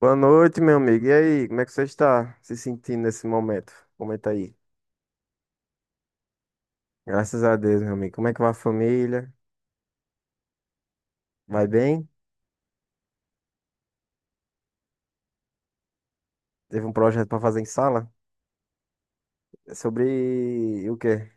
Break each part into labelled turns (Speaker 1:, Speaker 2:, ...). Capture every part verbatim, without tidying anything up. Speaker 1: Boa noite, meu amigo. E aí, como é que você está se sentindo nesse momento? Comenta aí. Graças a Deus, meu amigo. Como é que vai a família? Vai bem? Teve um projeto para fazer em sala? É sobre o quê?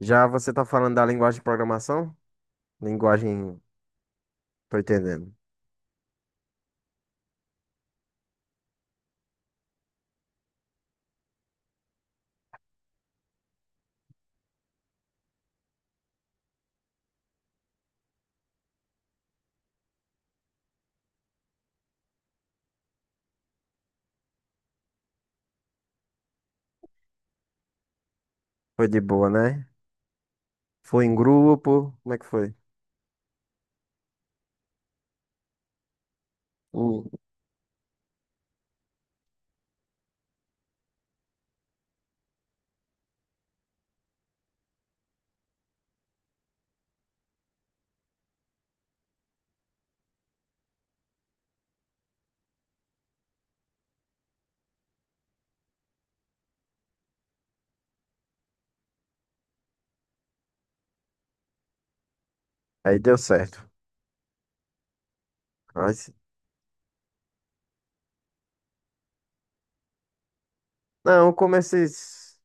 Speaker 1: Já você tá falando da linguagem de programação? Linguagem, tô entendendo. Foi de boa, né? Foi em grupo? Como é que foi? Hum. Aí deu certo. Aí se- Não, como esses...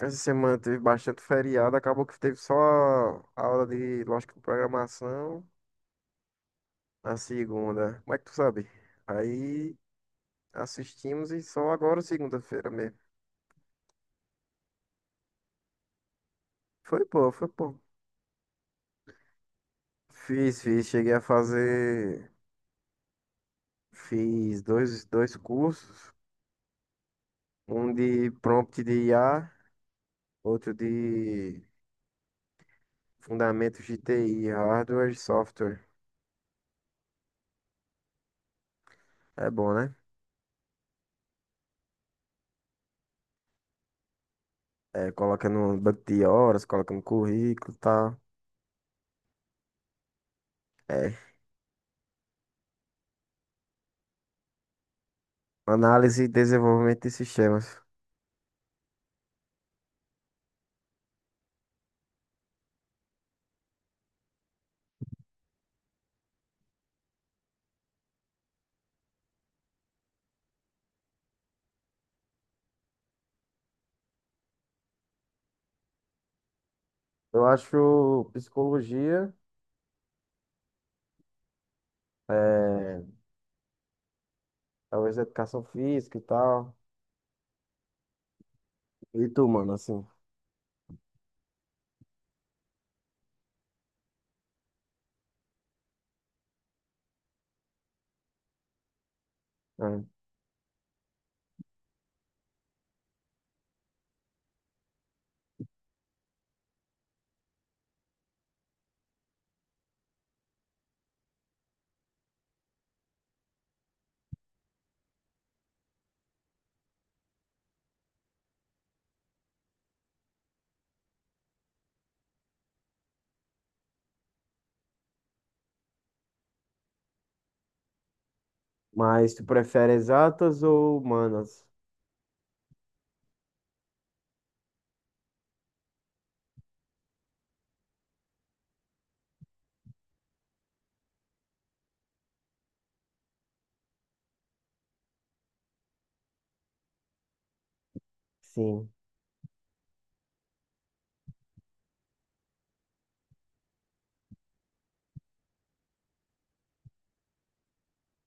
Speaker 1: essa semana teve bastante feriado, acabou que teve só a aula de lógica de programação. Na segunda. Como é que tu sabe? Aí assistimos e só agora segunda-feira mesmo. Foi pô, foi pô. Fiz, fiz, cheguei a fazer. Fiz dois, dois cursos, um de prompt de I A, outro de fundamentos de T I, hardware e software. É bom, né? É, coloca no banco de horas, coloca no currículo e tal. É, análise e desenvolvimento de sistemas. Eu acho psicologia. É, talvez educação física e tal. E tu, mano, assim? Né? Mas tu prefere exatas ou humanas? Sim,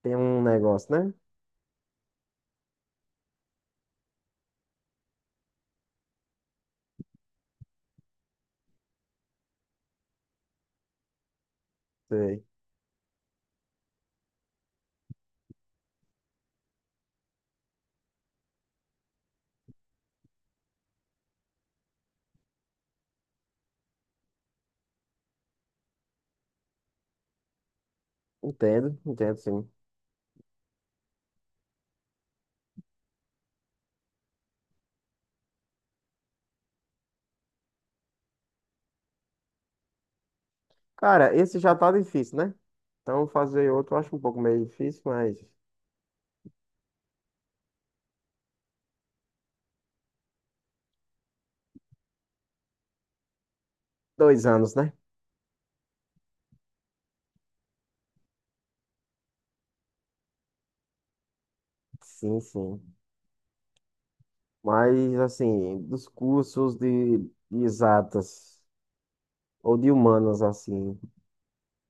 Speaker 1: tem um negócio, né? Sei. Entendo, entendo sim. Cara, esse já tá difícil, né? Então fazer outro eu acho um pouco meio difícil, mas. Dois anos, né? Sim, sim. Mas assim, dos cursos de, de exatas ou de humanas, assim.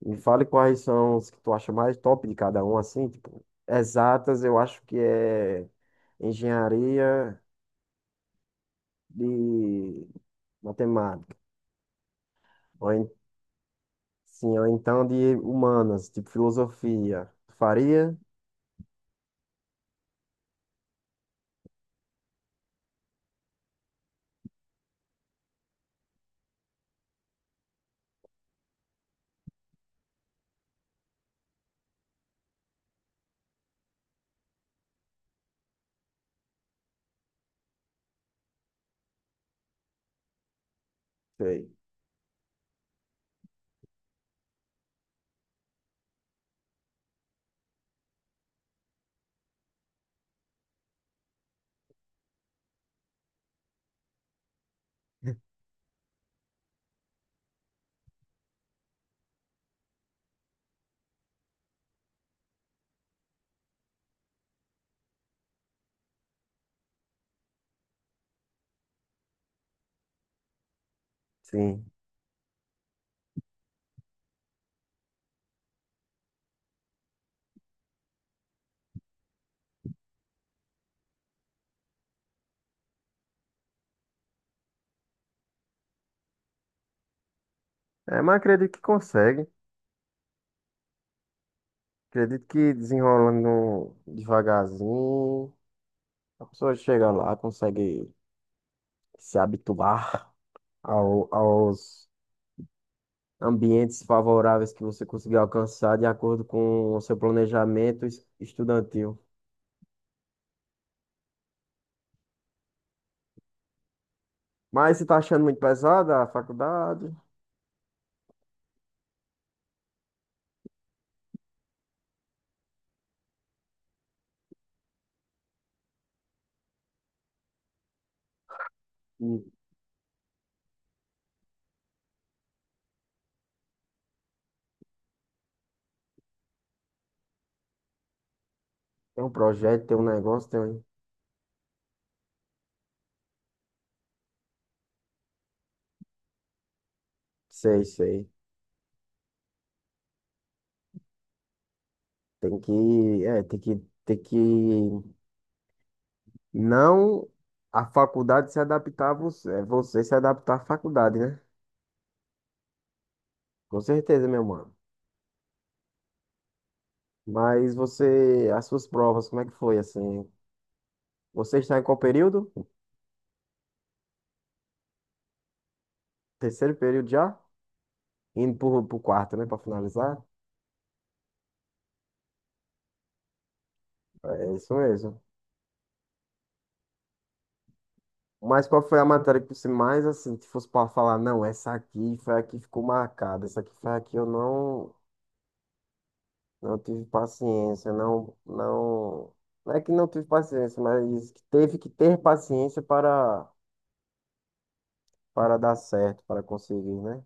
Speaker 1: Me fale quais são os que tu acha mais top de cada um, assim, tipo, exatas, eu acho que é engenharia de matemática, ou, en- sim, ou então de humanas, tipo filosofia. Tu faria? Sei. Sim. É, mas acredito que consegue. Acredito que desenrolando devagarzinho, a pessoa chega lá, consegue se habituar ao- aos ambientes favoráveis que você conseguir alcançar de acordo com o seu planejamento es- estudantil. Mas você tá achando muito pesada a faculdade? E tem um projeto, tem um negócio, tem... um. Sei, sei. Tem que, é, tem que, tem que não a faculdade se adaptar a você, é você se adaptar à faculdade, né? Com certeza, meu mano. Mas você, as suas provas, como é que foi assim? Você está em qual período? Terceiro período já? Indo pro, pro quarto, né? Pra finalizar. É isso mesmo. Mas qual foi a matéria que você mais, assim, se fosse pra falar, não, essa aqui foi a que ficou marcada, essa aqui foi a que eu não, não tive paciência, não, não. Não é que não tive paciência, mas que teve que ter paciência para, para dar certo, para conseguir, né?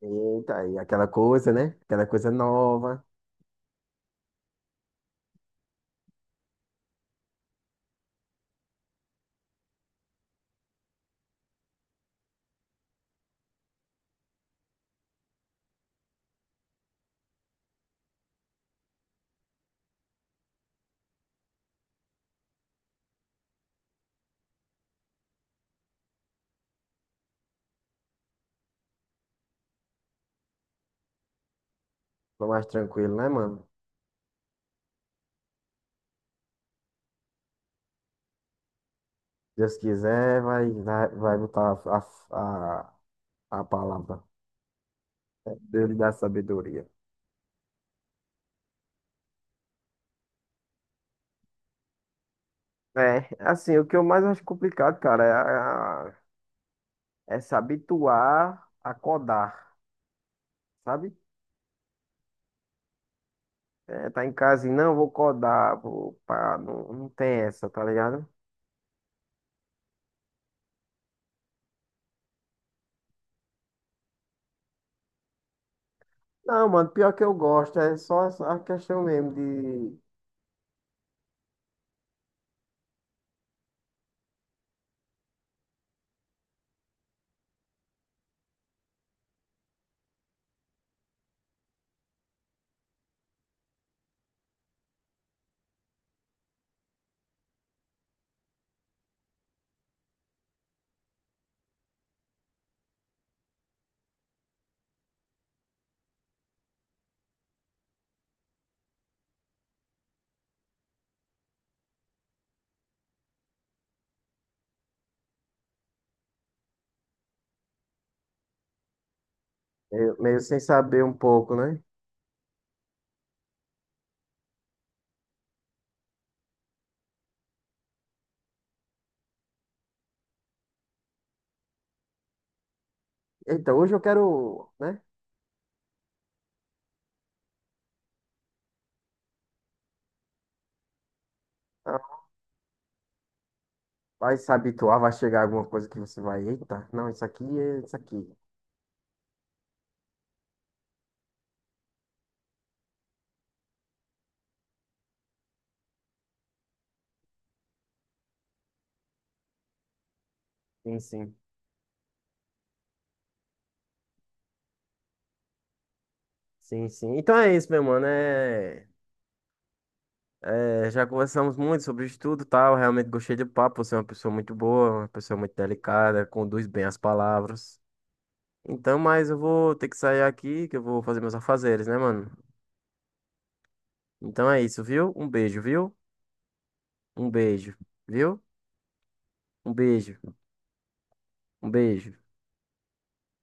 Speaker 1: Eita, e aquela coisa, né? Aquela coisa nova, tô mais tranquilo, né, mano? Deus quiser, vai, vai, vai botar a, a, a palavra. Deus dá sabedoria. É, assim, o que eu mais acho complicado, cara, é, a- é se habituar a codar, sabe? É, tá em casa e não, vou codar, vou, pá, não, não tem essa, tá ligado? Não, mano, pior que eu gosto, é só essa- a questão mesmo de meio, meio sem saber um pouco, né? Então, hoje eu quero, né? Ah, vai se habituar, vai chegar alguma coisa que você vai, eita, não, isso aqui é isso aqui. Sim, sim, sim, sim. Então é isso, meu mano, é. É, já conversamos muito sobre estudo e tal. Realmente gostei do papo. Você é uma pessoa muito boa, uma pessoa muito delicada, conduz bem as palavras. Então, mas eu vou ter que sair aqui, que eu vou fazer meus afazeres, né, mano? Então é isso, viu? Um beijo, viu? Um beijo, viu? Um beijo, um beijo.